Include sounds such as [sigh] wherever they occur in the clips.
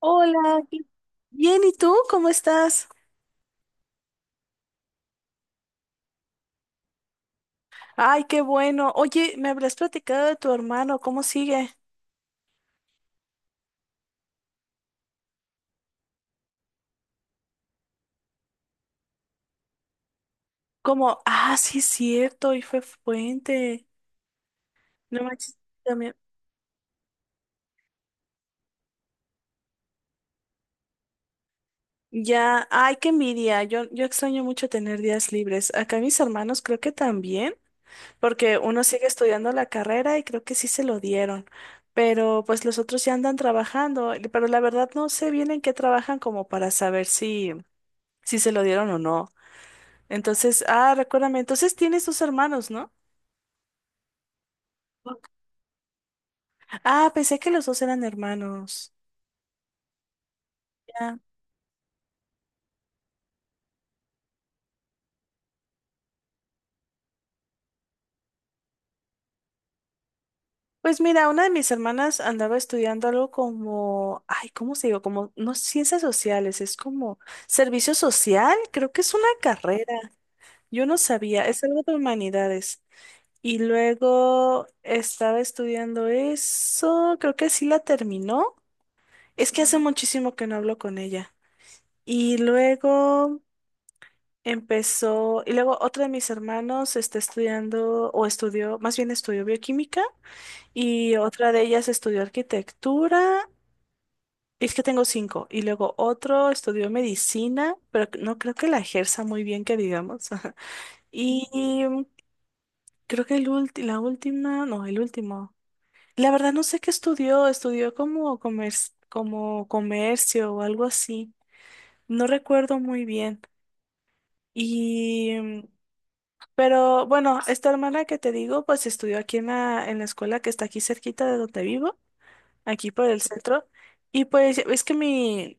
Hola. Bien, ¿y tú cómo estás? Ay, qué bueno. Oye, me habrás platicado de tu hermano, ¿cómo sigue? Como, sí, es cierto, y fue fuente. No manches, también. Ya, ay, qué envidia. Yo extraño mucho tener días libres. Acá mis hermanos creo que también, porque uno sigue estudiando la carrera y creo que sí se lo dieron. Pero pues los otros ya andan trabajando, pero la verdad no sé bien en qué trabajan como para saber si se lo dieron o no. Entonces, recuérdame, entonces tienes dos hermanos, ¿no? Ah, pensé que los dos eran hermanos. Ya. Pues mira, una de mis hermanas andaba estudiando algo como, ay, ¿cómo se digo? Como, no, ciencias sociales, es como servicio social, creo que es una carrera, yo no sabía, es algo de humanidades. Y luego estaba estudiando eso, creo que sí la terminó, es que hace muchísimo que no hablo con ella. Y luego... y luego otro de mis hermanos está estudiando, o estudió, más bien estudió bioquímica, y otra de ellas estudió arquitectura, es que tengo cinco, y luego otro estudió medicina, pero no creo que la ejerza muy bien, que digamos. [laughs] Y creo que el la última, no, el último. La verdad no sé qué estudió, estudió como comercio o algo así. No recuerdo muy bien. Y mm, Pero bueno, esta hermana que te digo, pues estudió aquí en la escuela que está aquí cerquita de donde vivo, aquí por el centro. Y pues es que mi,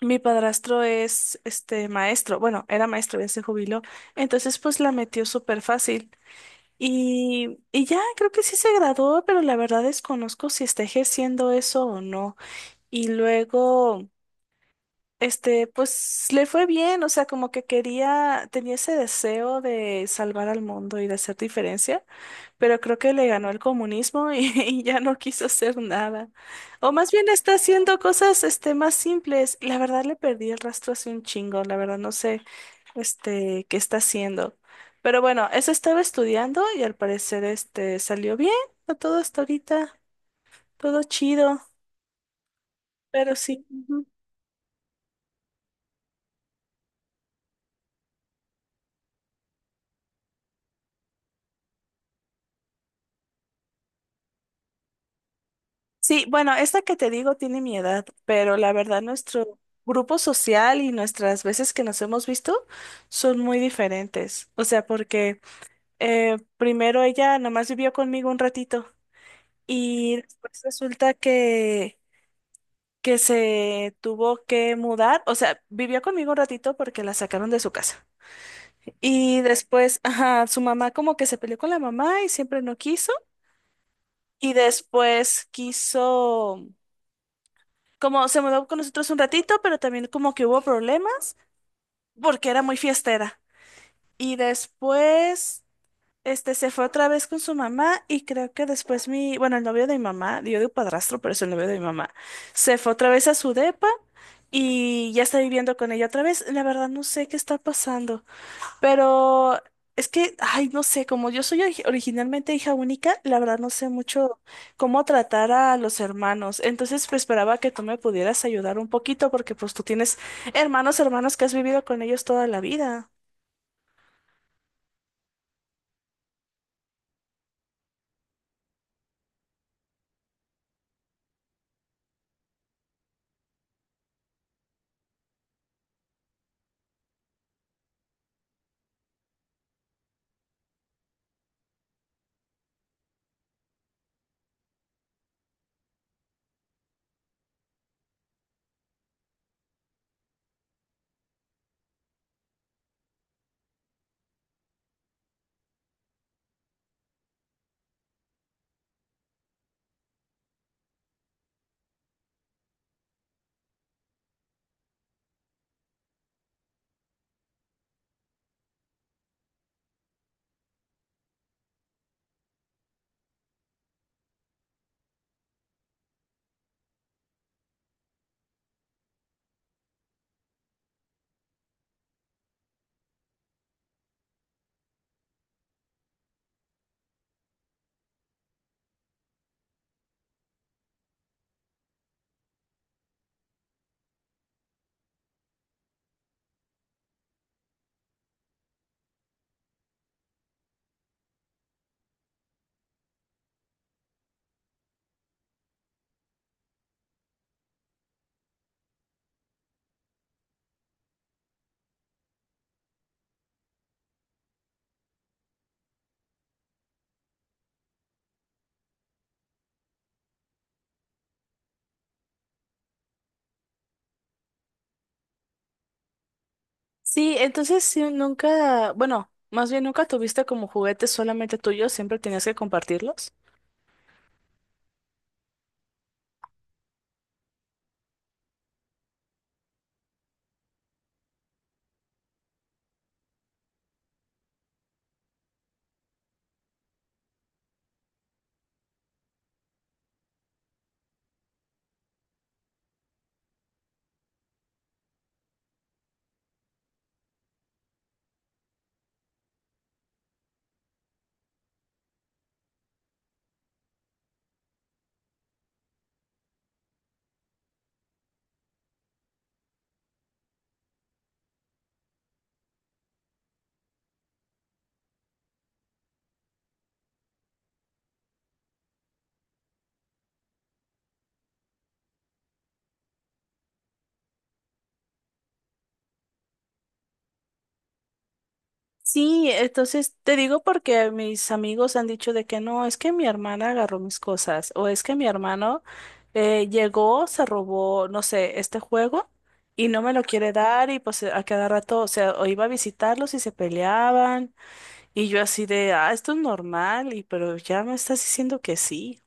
mi padrastro es este maestro, bueno, era maestro, ya se jubiló. Entonces pues la metió súper fácil. Y ya creo que sí se graduó, pero la verdad desconozco si está ejerciendo eso o no. Y luego, pues le fue bien, o sea, como que quería, tenía ese deseo de salvar al mundo y de hacer diferencia, pero creo que le ganó el comunismo y, [laughs] y ya no quiso hacer nada. O más bien está haciendo cosas más simples. La verdad le perdí el rastro hace un chingo, la verdad no sé qué está haciendo. Pero bueno, eso estaba estudiando y al parecer salió bien a todo hasta ahorita, todo chido, pero sí. Ujú. Sí, bueno, esta que te digo tiene mi edad, pero la verdad nuestro grupo social y nuestras veces que nos hemos visto son muy diferentes. O sea, porque... Primero ella nada más vivió conmigo un ratito y después resulta que se tuvo que mudar, o sea, vivió conmigo un ratito porque la sacaron de su casa. Y después, ajá, su mamá como que se peleó con la mamá y siempre no quiso. Y después quiso, como se mudó con nosotros un ratito, pero también como que hubo problemas porque era muy fiestera. Y después se fue otra vez con su mamá y creo que después mi, bueno, el novio de mi mamá, yo digo padrastro, pero es el novio de mi mamá, se fue otra vez a su depa y ya está viviendo con ella otra vez. La verdad no sé qué está pasando, pero es que, ay, no sé, como yo soy originalmente hija única, la verdad no sé mucho cómo tratar a los hermanos. Entonces, pues esperaba que tú me pudieras ayudar un poquito porque pues tú tienes hermanos, hermanos que has vivido con ellos toda la vida. Sí, entonces sí, nunca, bueno, más bien nunca tuviste como juguetes solamente tuyos, siempre tenías que compartirlos. Sí, entonces te digo porque mis amigos han dicho de que no, es que mi hermana agarró mis cosas o es que mi hermano llegó, se robó, no sé, este juego y no me lo quiere dar y pues a cada rato, o sea, o iba a visitarlos y se peleaban y yo así de, ah, esto es normal y pero ya me estás diciendo que sí.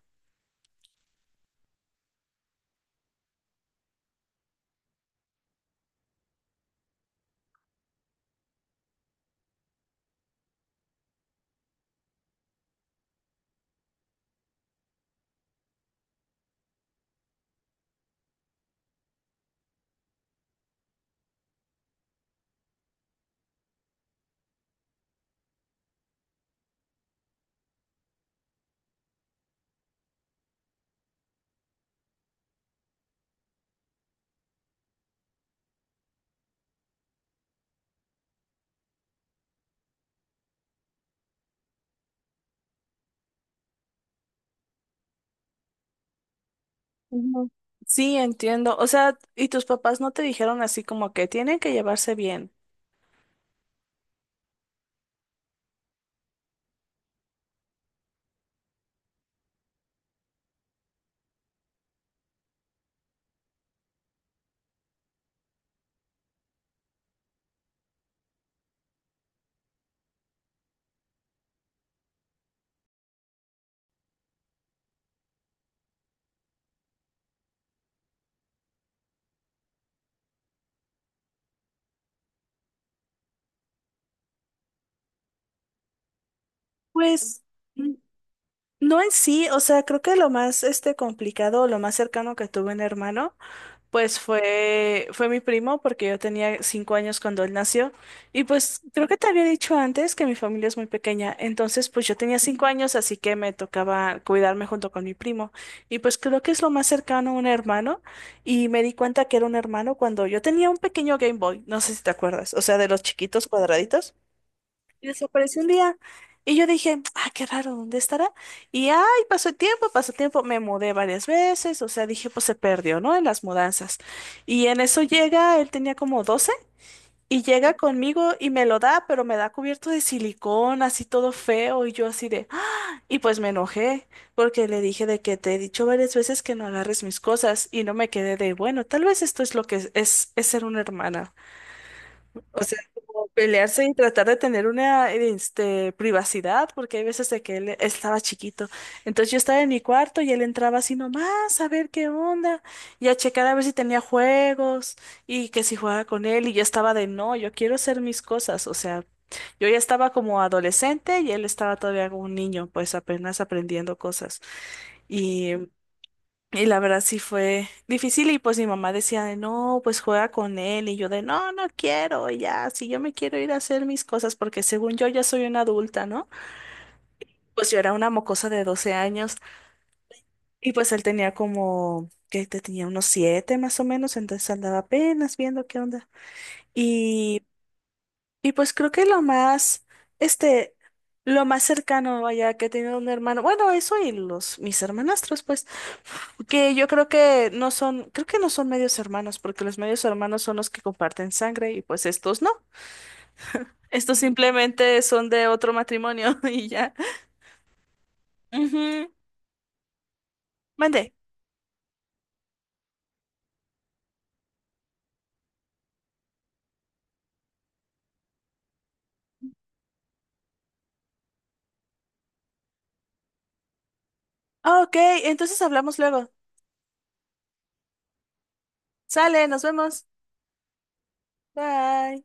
Ujú. Sí, entiendo. O sea, ¿y tus papás no te dijeron así como que tienen que llevarse bien? Pues mm, no en sí, o sea, creo que lo más complicado, lo más cercano que tuve un hermano, pues fue mi primo porque yo tenía 5 años cuando él nació y pues creo que te había dicho antes que mi familia es muy pequeña, entonces pues yo tenía 5 años así que me tocaba cuidarme junto con mi primo y pues creo que es lo más cercano a un hermano y me di cuenta que era un hermano cuando yo tenía un pequeño Game Boy, no sé si te acuerdas, o sea, de los chiquitos cuadraditos. Y desapareció un día. Y yo dije, ah, qué raro, ¿dónde estará? Y ay, pasó el tiempo, me mudé varias veces, o sea, dije, pues se perdió, ¿no? En las mudanzas. Y en eso llega, él tenía como 12 y llega conmigo y me lo da, pero me da cubierto de silicón, así todo feo, y yo así de, ¡ah! Y pues me enojé, porque le dije de que te he dicho varias veces que no agarres mis cosas, y no me quedé de, bueno, tal vez esto es lo que es, es ser una hermana. O sea, como pelearse y tratar de tener una privacidad, porque hay veces de que él estaba chiquito. Entonces yo estaba en mi cuarto y él entraba así nomás a ver qué onda y a checar a ver si tenía juegos y que si jugaba con él. Y yo estaba de no, yo quiero hacer mis cosas. O sea, yo ya estaba como adolescente y él estaba todavía como un niño, pues apenas aprendiendo cosas. y y la verdad sí fue difícil y pues mi mamá decía de no, pues juega con él y yo de no, no quiero, ya, si yo me quiero ir a hacer mis cosas porque según yo ya soy una adulta, ¿no? Pues yo era una mocosa de 12 años y pues él tenía como, que te tenía unos 7 más o menos, entonces andaba apenas viendo qué onda. y Y pues creo que lo más, este, lo más cercano, vaya, que he tenido un hermano, bueno, eso y mis hermanastros, pues, que yo creo que no son medios hermanos, porque los medios hermanos son los que comparten sangre y pues estos no. Estos simplemente son de otro matrimonio [laughs] y ya. Ujú. Mande. Ah, ok, entonces hablamos luego. Sale, nos vemos. Bye.